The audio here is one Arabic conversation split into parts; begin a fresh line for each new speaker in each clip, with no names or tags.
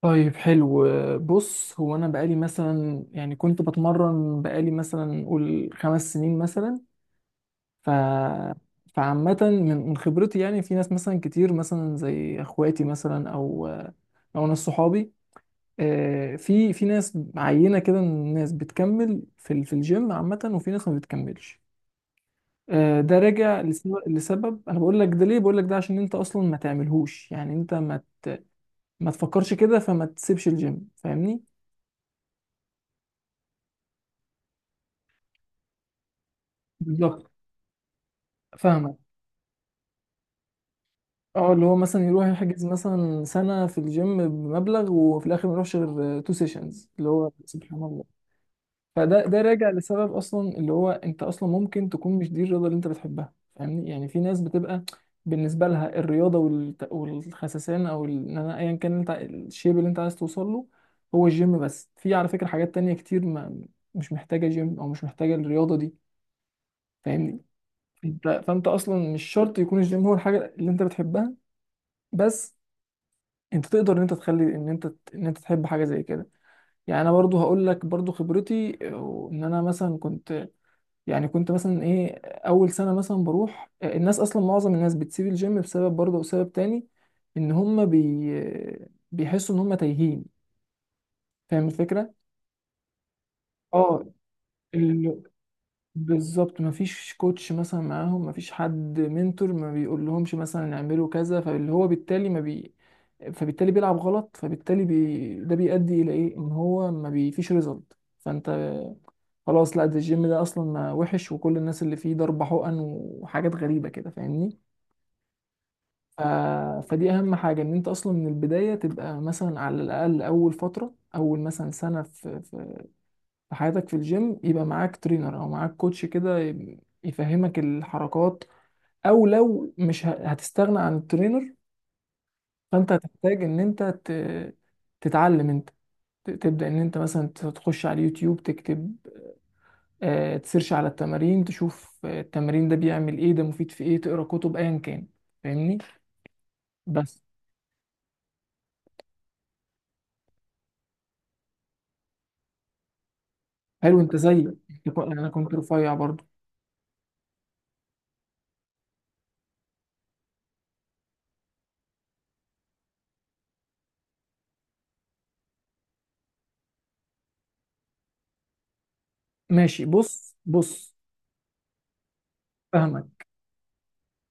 طيب، حلو. بص، هو انا بقالي مثلا يعني كنت بتمرن بقالي مثلا قول خمس سنين مثلا. ف فعامة من خبرتي، يعني في ناس مثلا كتير مثلا زي اخواتي مثلا او ناس صحابي. في ناس عينة كده من الناس بتكمل في الجيم عامة، وفي ناس ما بتكملش. ده راجع لسبب. انا بقول لك ده ليه؟ بقول لك ده عشان انت اصلا ما تعملهوش، يعني انت ما تفكرش كده، فما تسيبش الجيم، فاهمني. بالظبط، فاهمك. اه، اللي هو مثلا يروح يحجز مثلا سنة في الجيم بمبلغ، وفي الآخر ما يروحش غير تو سيشنز اللي هو سبحان الله. فده راجع لسبب أصلا، اللي هو أنت أصلا ممكن تكون مش دي الرياضة اللي أنت بتحبها، فاهمني. يعني في ناس بتبقى بالنسبة لها الرياضة والخسسان إن أنا أيا كان أنت الشيب اللي أنت عايز توصل له هو الجيم بس. في على فكرة حاجات تانية كتير ما، مش محتاجة جيم أو مش محتاجة الرياضة دي، فاهمني. فأنت أصلا مش شرط يكون الجيم هو الحاجة اللي أنت بتحبها بس. انت تقدر ان انت تخلي ان انت تحب حاجه زي كده. يعني انا برضو هقول لك برضو خبرتي. ان انا مثلا كنت، يعني كنت مثلا ايه، اول سنه مثلا بروح. الناس اصلا معظم الناس بتسيب الجيم بسبب برضو، وسبب تاني ان هم بيحسوا ان هم تايهين، فاهم الفكره. اه بالظبط، مفيش كوتش مثلا معاهم، مفيش حد منتور ما بيقول لهمش مثلا اعملوا كذا، فاللي هو بالتالي ما بي فبالتالي بيلعب غلط، ده بيؤدي الى ايه، ان هو ما بي- فيش ريزلت، فانت خلاص، لا ده الجيم ده اصلا ما وحش، وكل الناس اللي فيه ضرب حقن وحاجات غريبة كده، فاهمني. ف... فدي اهم حاجة، ان انت اصلا من البداية تبقى مثلا على الاقل اول فترة، اول مثلا سنة في حياتك في الجيم، يبقى معاك ترينر او معاك كوتش كده يفهمك الحركات. او لو مش هتستغنى عن الترينر، فانت هتحتاج ان انت تتعلم انت، تبدأ ان انت مثلا تخش على اليوتيوب، تكتب. تسيرش على التمارين، تشوف التمرين ده بيعمل ايه، ده مفيد في ايه، تقرا كتب، ايا كان، فاهمني بس. حلو، انت زي انا كنت رفيع برضو. ماشي، بص بص، فاهمك.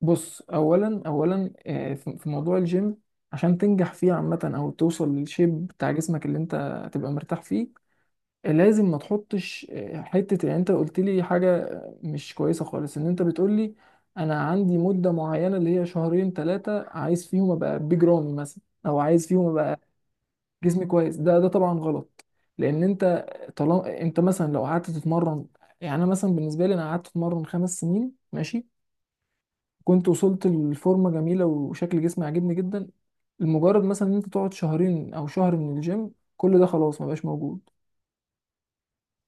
بص، اولا اولا في موضوع الجيم عشان تنجح فيه عامه، او توصل للشيب بتاع جسمك اللي انت هتبقى مرتاح فيه. لازم ما تحطش حته، يعني انت قلت لي حاجه مش كويسه خالص، ان انت بتقول لي انا عندي مده معينه، اللي هي شهرين ثلاثه، عايز فيهم ابقى بيج رامي مثلا، او عايز فيهم ابقى جسمي كويس. ده طبعا غلط. لان انت طالما انت مثلا لو قعدت تتمرن، يعني انا مثلا بالنسبه لي، انا قعدت اتمرن خمس سنين ماشي، كنت وصلت لفورمه جميله، وشكل جسمي عاجبني جدا، لمجرد مثلا ان انت تقعد شهرين او شهر من الجيم، كل ده خلاص ما بقاش موجود.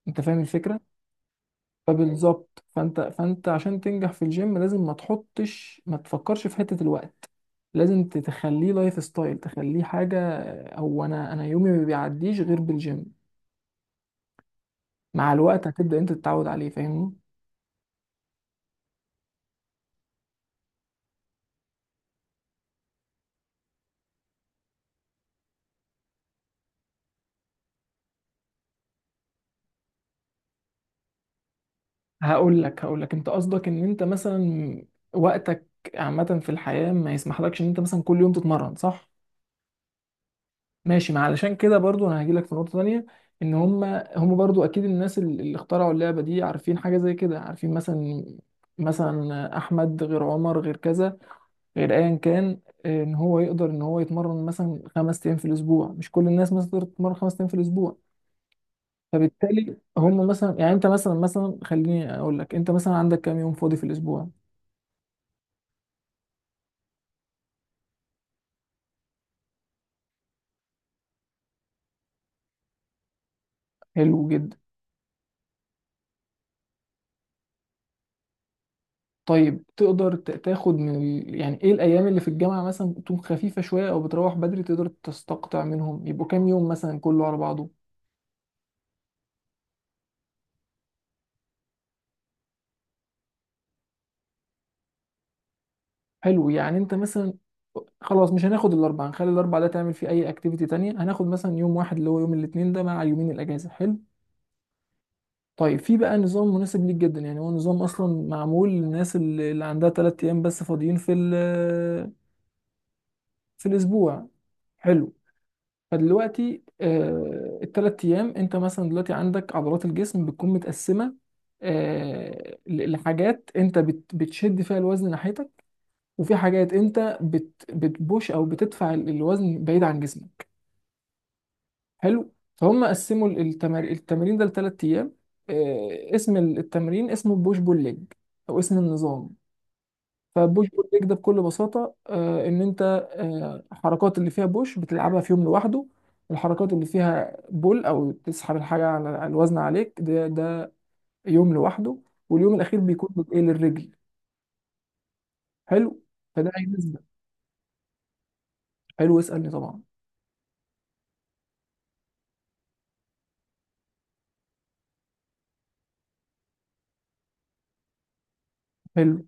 انت فاهم الفكره؟ فبالظبط، فانت عشان تنجح في الجيم لازم ما تحطش ما تفكرش في حته الوقت، لازم تخليه لايف ستايل، تخليه حاجه. او انا يومي ما بيعديش غير بالجيم. مع الوقت هتبدا انت تتعود عليه، فاهمني. هقول لك انت قصدك ان انت مثلا وقتك عامه في الحياه ما يسمحلكش ان انت مثلا كل يوم تتمرن، صح. ماشي، ما علشان كده برضو انا هجيلك في نقطة تانية. ان هم برضو اكيد الناس اللي اخترعوا اللعبة دي، عارفين حاجة زي كده، عارفين مثلا، مثلا احمد غير عمر غير كذا غير ايا كان، ان هو يقدر ان هو يتمرن مثلا خمس ايام في الاسبوع. مش كل الناس مثلا تقدر تتمرن خمس ايام في الاسبوع، فبالتالي هم مثلا، يعني انت مثلا خليني اقول لك، انت مثلا عندك كام يوم فاضي في الاسبوع؟ حلو جدا. طيب، تقدر تاخد من يعني ايه الايام اللي في الجامعه مثلا تكون خفيفه شويه، او بتروح بدري، تقدر تستقطع منهم، يبقوا كام يوم مثلا كله على بعضه؟ حلو، يعني انت مثلا خلاص، مش هناخد الاربعه، هنخلي الاربعه ده تعمل فيه اي اكتيفيتي تانية، هناخد مثلا يوم واحد اللي هو يوم الاثنين ده مع يومين الاجازه. حلو. طيب في بقى نظام مناسب ليك جدا، يعني هو نظام اصلا معمول للناس اللي عندها ثلاث ايام بس فاضيين في في الاسبوع. حلو. فدلوقتي التلات ايام، انت مثلا دلوقتي عندك عضلات الجسم بتكون متقسمه. لحاجات انت بتشد فيها الوزن ناحيتك، وفي حاجات انت بتبوش او بتدفع الوزن بعيد عن جسمك. حلو، فهم قسموا التمرين ده لتلات ايام. اسم التمرين اسمه بوش بول ليج، او اسم النظام. فبوش بول ليج ده بكل بساطة إن أنت، الحركات اللي فيها بوش بتلعبها في يوم لوحده، الحركات اللي فيها بول أو تسحب الحاجة على الوزن عليك ده يوم لوحده، واليوم الأخير بيكون إيه، للرجل. حلو، فده أي نسبة. حلو، اسألني طبعا. حلو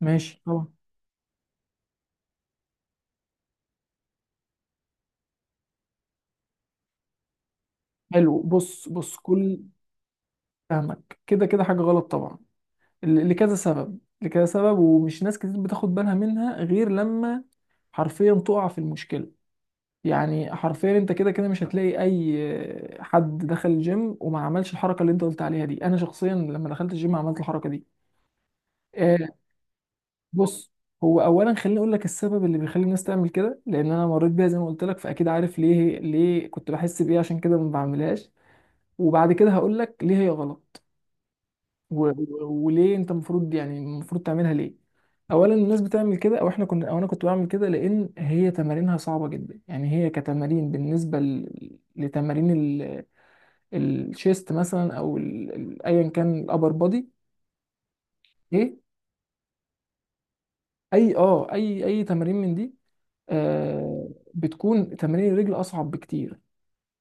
ماشي طبعا. حلو، بص فهمك، كده كده حاجة غلط طبعا. لكذا سبب، لكذا سبب. ومش ناس كتير بتاخد بالها منها غير لما حرفيا تقع في المشكلة، يعني حرفيا انت كده كده مش هتلاقي اي حد دخل الجيم وما عملش الحركه اللي انت قلت عليها دي. انا شخصيا لما دخلت الجيم عملت الحركه دي. آه. بص، هو اولا خليني اقول لك السبب اللي بيخلي الناس تعمل كده، لان انا مريت بيها زي ما قلت لك، فاكيد عارف ليه كنت بحس بايه، عشان كده ما بعملهاش، وبعد كده هقول لك ليه هي غلط، وليه انت المفروض، يعني المفروض تعملها ليه. اولا، الناس بتعمل كده، او احنا كنا، او انا كنت بعمل كده، لان هي تمارينها صعبه جدا، يعني هي كتمارين بالنسبه لتمارين الشيست مثلا، او ايا كان الابر بودي. ايه اي اه اي اي تمارين من دي، آه. بتكون تمارين الرجل اصعب بكتير،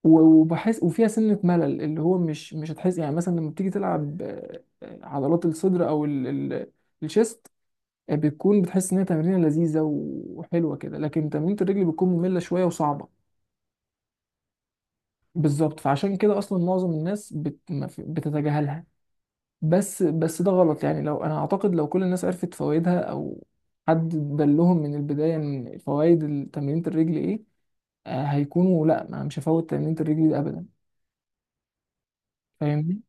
وبحس وفيها سنة ملل، اللي هو مش هتحس، يعني مثلا لما بتيجي تلعب عضلات الصدر، او ال- الشيست، بتكون بتحس ان هي تمرينه لذيذه وحلوه كده، لكن تمرينه الرجل بتكون ممله شويه وصعبه. بالظبط، فعشان كده اصلا معظم الناس بت... ما في- بتتجاهلها. بس، بس ده غلط، يعني لو انا اعتقد لو كل الناس عرفت فوائدها، او حد دلهم من البدايه ان فوائد تمرينة الرجل ايه، هيكونوا لا، ما انا مش هفوت تمرينة الرجل دي ابدا، فاهمني.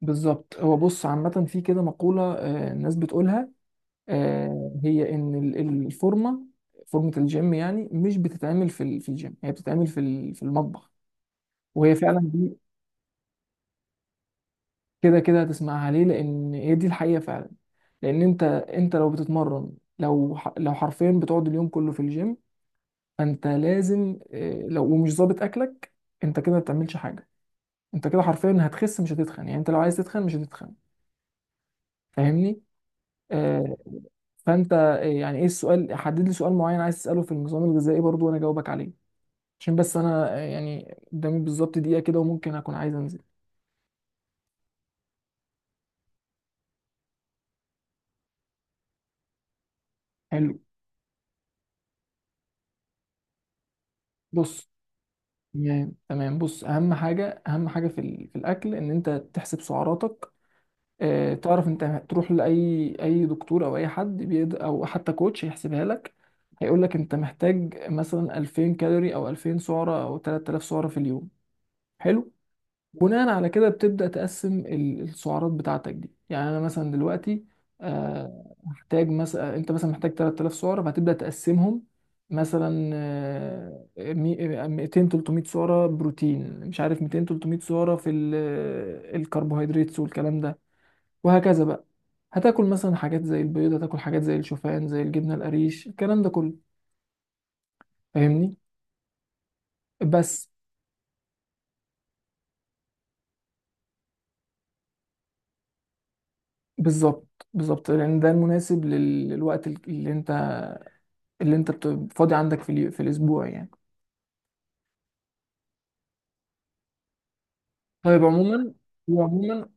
بالظبط. هو بص، عامه في كده مقوله الناس بتقولها، هي ان الفورمه، فورمه الجيم يعني مش بتتعمل في الجيم، هي بتتعمل في المطبخ. وهي فعلا دي، كده كده هتسمعها، ليه؟ لان هي دي الحقيقه فعلا، لان انت لو بتتمرن، لو حرفيا بتقعد اليوم كله في الجيم، فانت لازم إيه، لو ومش ظابط اكلك انت كده ما بتعملش حاجه، انت كده حرفيا هتخس، مش هتتخن، يعني انت لو عايز تتخن مش هتتخن، فاهمني، آه. فانت يعني ايه السؤال؟ حدد لي سؤال معين عايز تساله في النظام الغذائي برضو، وانا اجاوبك عليه، عشان بس انا يعني قدامي بالظبط دقيقه كده، وممكن اكون عايز انزل. حلو، بص، تمام تمام، بص، اهم حاجه، اهم حاجه في الاكل ان انت تحسب سعراتك. تعرف، انت تروح لاي اي دكتور او اي حد بيد، او حتى كوتش، هيحسبها لك، هيقول لك انت محتاج مثلا 2000 كالوري، او 2000 سعره، او 3000 سعره في اليوم. حلو، بناء على كده بتبدأ تقسم السعرات بتاعتك دي، يعني انا مثلا دلوقتي محتاج مثلا، انت مثلا محتاج 3000 سعرة، فهتبدأ تقسمهم. مثلا 200 300 سعرة بروتين، مش عارف، 200 300 سعرة الكربوهيدرات والكلام ده، وهكذا بقى. هتاكل مثلا حاجات زي البيض، هتاكل حاجات زي الشوفان، زي الجبنة القريش، الكلام ده كله، فاهمني بس. بالظبط، بالظبط، لان ده المناسب للوقت اللي انت، اللي انت فاضي عندك في الاسبوع يعني. طيب عموما. وعموما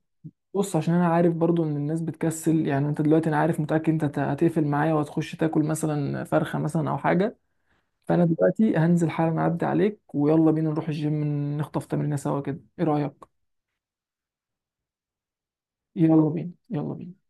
بص، عشان انا عارف برضو ان الناس بتكسل، يعني انت دلوقتي، انا عارف متاكد انت هتقفل معايا وهتخش تاكل مثلا فرخه مثلا او حاجه. فانا دلوقتي هنزل حالا اعدي عليك، ويلا بينا نروح الجيم، نخطف تمرينه سوا كده، ايه رايك؟ يلا بينا، يلا بينا.